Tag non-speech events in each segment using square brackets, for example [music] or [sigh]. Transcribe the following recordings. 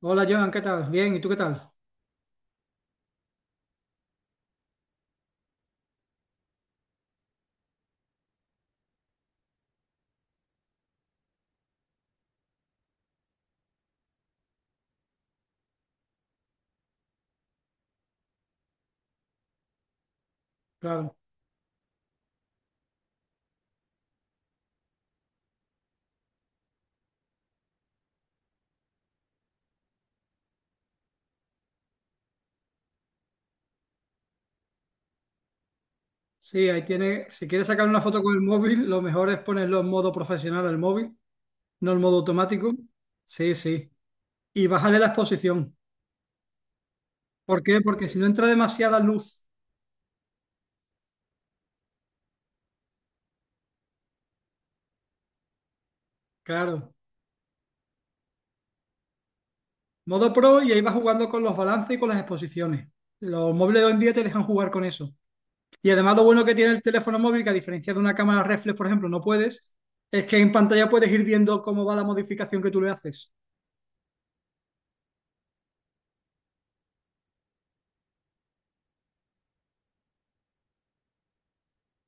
Hola Joan, ¿qué tal? Bien, ¿y tú qué tal? Claro. Sí, ahí tiene, si quieres sacar una foto con el móvil, lo mejor es ponerlo en modo profesional al móvil, no en modo automático. Sí, sí. Y bajarle la exposición. ¿Por qué? Porque si no entra demasiada luz, claro. Modo pro y ahí vas jugando con los balances y con las exposiciones. Los móviles de hoy en día te dejan jugar con eso. Y además lo bueno que tiene el teléfono móvil, que a diferencia de una cámara reflex, por ejemplo, no puedes, es que en pantalla puedes ir viendo cómo va la modificación que tú le haces.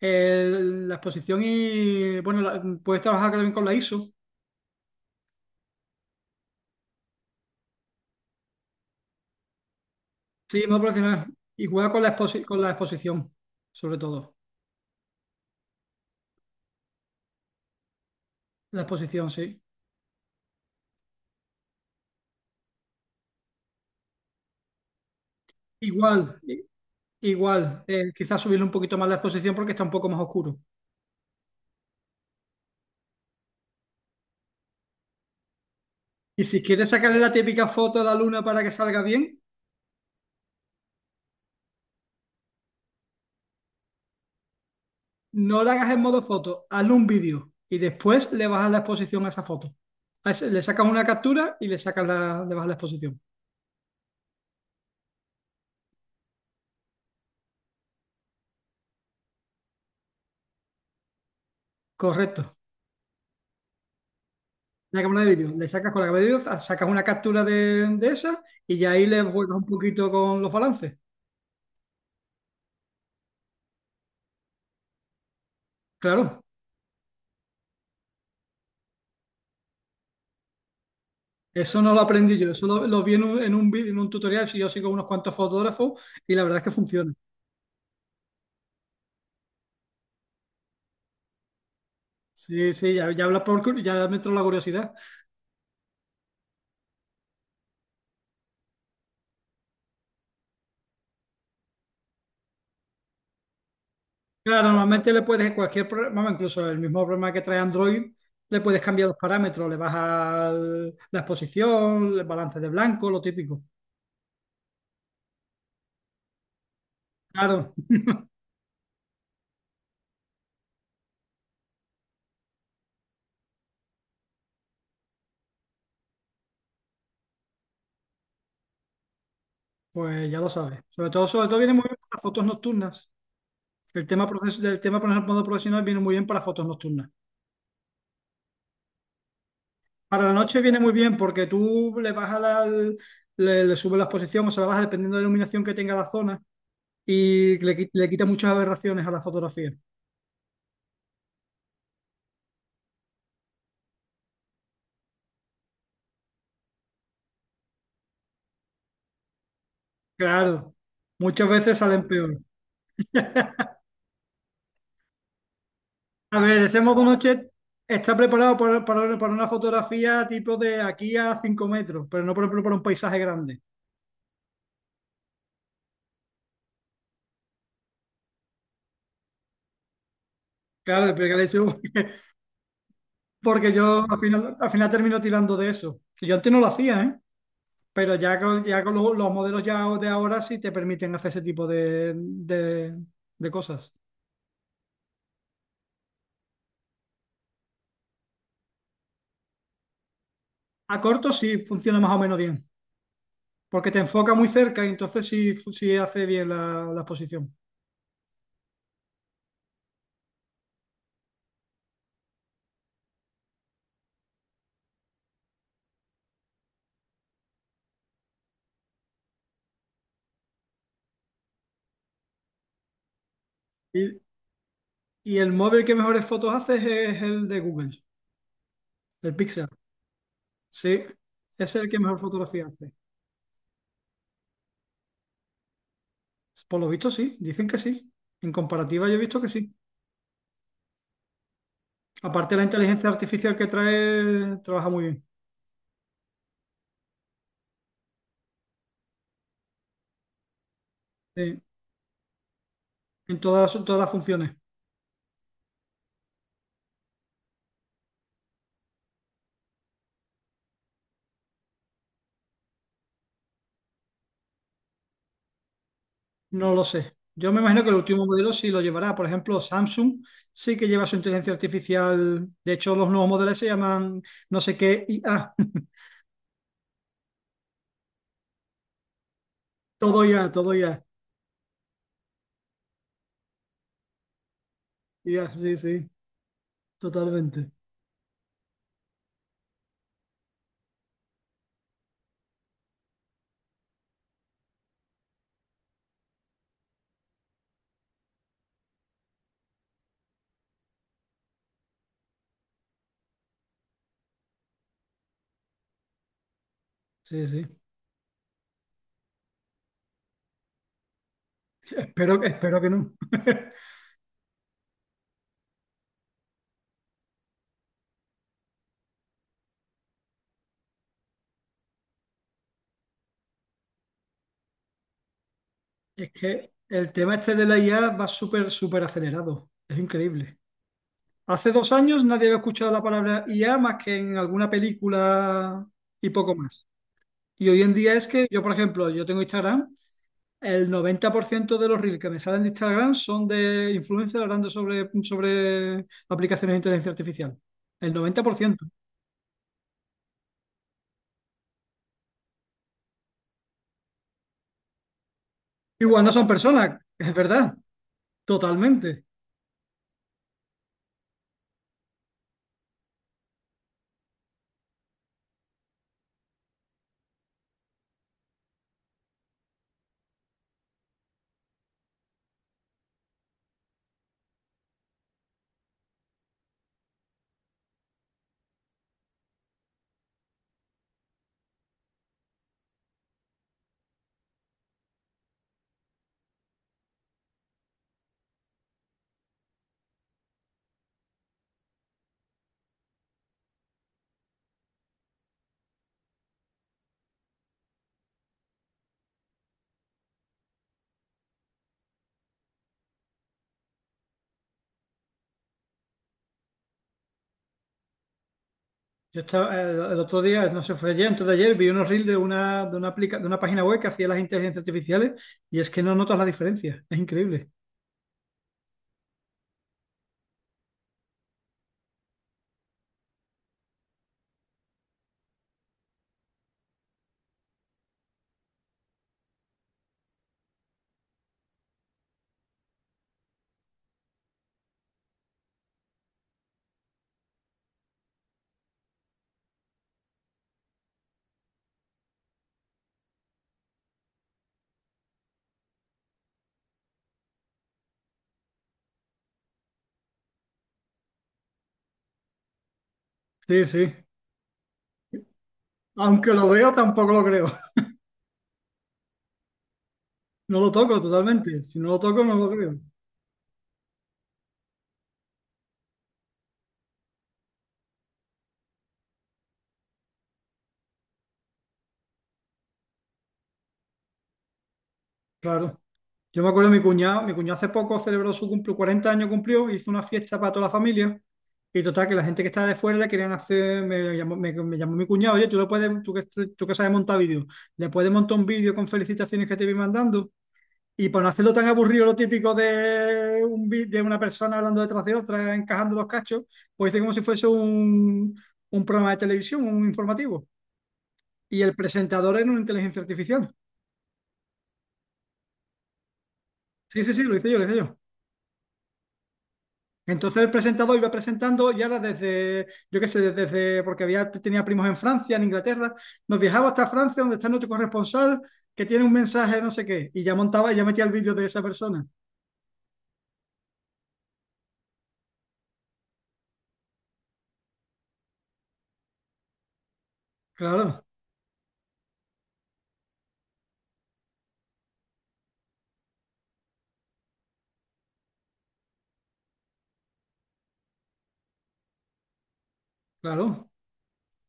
La exposición y, bueno, puedes trabajar también con la ISO. Sí, modo profesional. Y juega con con la exposición, sobre todo. La exposición, sí. Igual, igual, quizás subirle un poquito más la exposición porque está un poco más oscuro. Y si quieres sacarle la típica foto a la luna para que salga bien, no la hagas en modo foto, hazle un vídeo y después le bajas la exposición a esa foto. Le sacas una captura y le sacas le bajas la exposición. Correcto. Una cámara de vídeo, le sacas con la cámara de vídeo, sacas una captura de esa y ya ahí le juegas un poquito con los balances. Claro, eso no lo aprendí yo, eso lo vi en un vídeo, en un tutorial, si yo sigo unos cuantos fotógrafos y la verdad es que funciona. Sí, sí, ya hablas por, ya me entró la curiosidad. Claro, normalmente le puedes cualquier programa, incluso el mismo programa que trae Android, le puedes cambiar los parámetros, le bajas la exposición, el balance de blanco, lo típico. Claro, pues ya lo sabes. Sobre todo viene muy bien para fotos nocturnas. El tema, el tema por ejemplo, profesional viene muy bien para fotos nocturnas. Para la noche viene muy bien porque tú le bajas le subes la exposición o se la bajas dependiendo de la iluminación que tenga la zona y le quita muchas aberraciones a la fotografía. Claro, muchas veces salen peor. A ver, ese modo noche está preparado para una fotografía tipo de aquí a 5 metros, pero no por ejemplo para un paisaje grande. Claro, pero que le hice [laughs] porque yo al final termino tirando de eso. Y yo antes no lo hacía, ¿eh? Pero ya con los modelos ya de ahora sí te permiten hacer ese tipo de cosas. A corto sí funciona más o menos bien, porque te enfoca muy cerca y entonces sí, sí hace bien la exposición. Y, y el móvil que mejores fotos hace es el de Google, el Pixel. Sí, es el que mejor fotografía hace. Por lo visto sí, dicen que sí. En comparativa yo he visto que sí. Aparte la inteligencia artificial que trae, trabaja muy bien. Sí, en todas, todas las funciones. No lo sé. Yo me imagino que el último modelo sí lo llevará. Por ejemplo, Samsung sí que lleva su inteligencia artificial. De hecho, los nuevos modelos se llaman no sé qué IA. [laughs] Todo IA, todo IA. IA, sí, sí, totalmente. Sí, sí. Espero, espero que no. [laughs] Es que el tema este de la IA va súper, súper acelerado. Es increíble. Hace 2 años nadie había escuchado la palabra IA más que en alguna película y poco más. Y hoy en día es que yo, por ejemplo, yo tengo Instagram. El 90% de los reels que me salen de Instagram son de influencers hablando sobre aplicaciones de inteligencia artificial. El 90%. Igual no son personas, es verdad, totalmente. Yo estaba, el otro día, no sé, fue ayer, antes de ayer, vi unos reels de una página web que hacía las inteligencias artificiales y es que no notas la diferencia. Es increíble. Sí, sí. Aunque lo veo, tampoco lo creo. [laughs] No lo toco totalmente. Si no lo toco, no lo creo. Claro. Yo me acuerdo de mi cuñado hace poco celebró su cumple, 40 años cumplió, hizo una fiesta para toda la familia y total que la gente que estaba de fuera le querían hacer, me llamó, me llamó mi cuñado, oye, tú le puedes, tú que sabes montar vídeo, le puedes montar un vídeo con felicitaciones que te vi mandando y para no hacerlo tan aburrido lo típico de, de una persona hablando detrás de otra, encajando los cachos, pues hice como si fuese un programa de televisión, un informativo y el presentador era una inteligencia artificial. Sí, sí, sí, lo hice yo, lo hice yo. Entonces el presentador iba presentando y ahora desde, yo qué sé, porque había, tenía primos en Francia, en Inglaterra, nos viajaba hasta Francia, donde está nuestro corresponsal, que tiene un mensaje de no sé qué, y ya montaba y ya metía el vídeo de esa persona. Claro, claro,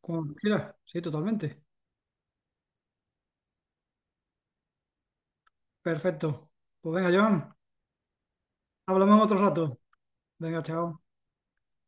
como quieras, sí, totalmente. Perfecto. Pues venga, Joan, hablamos en otro rato. Venga, chao.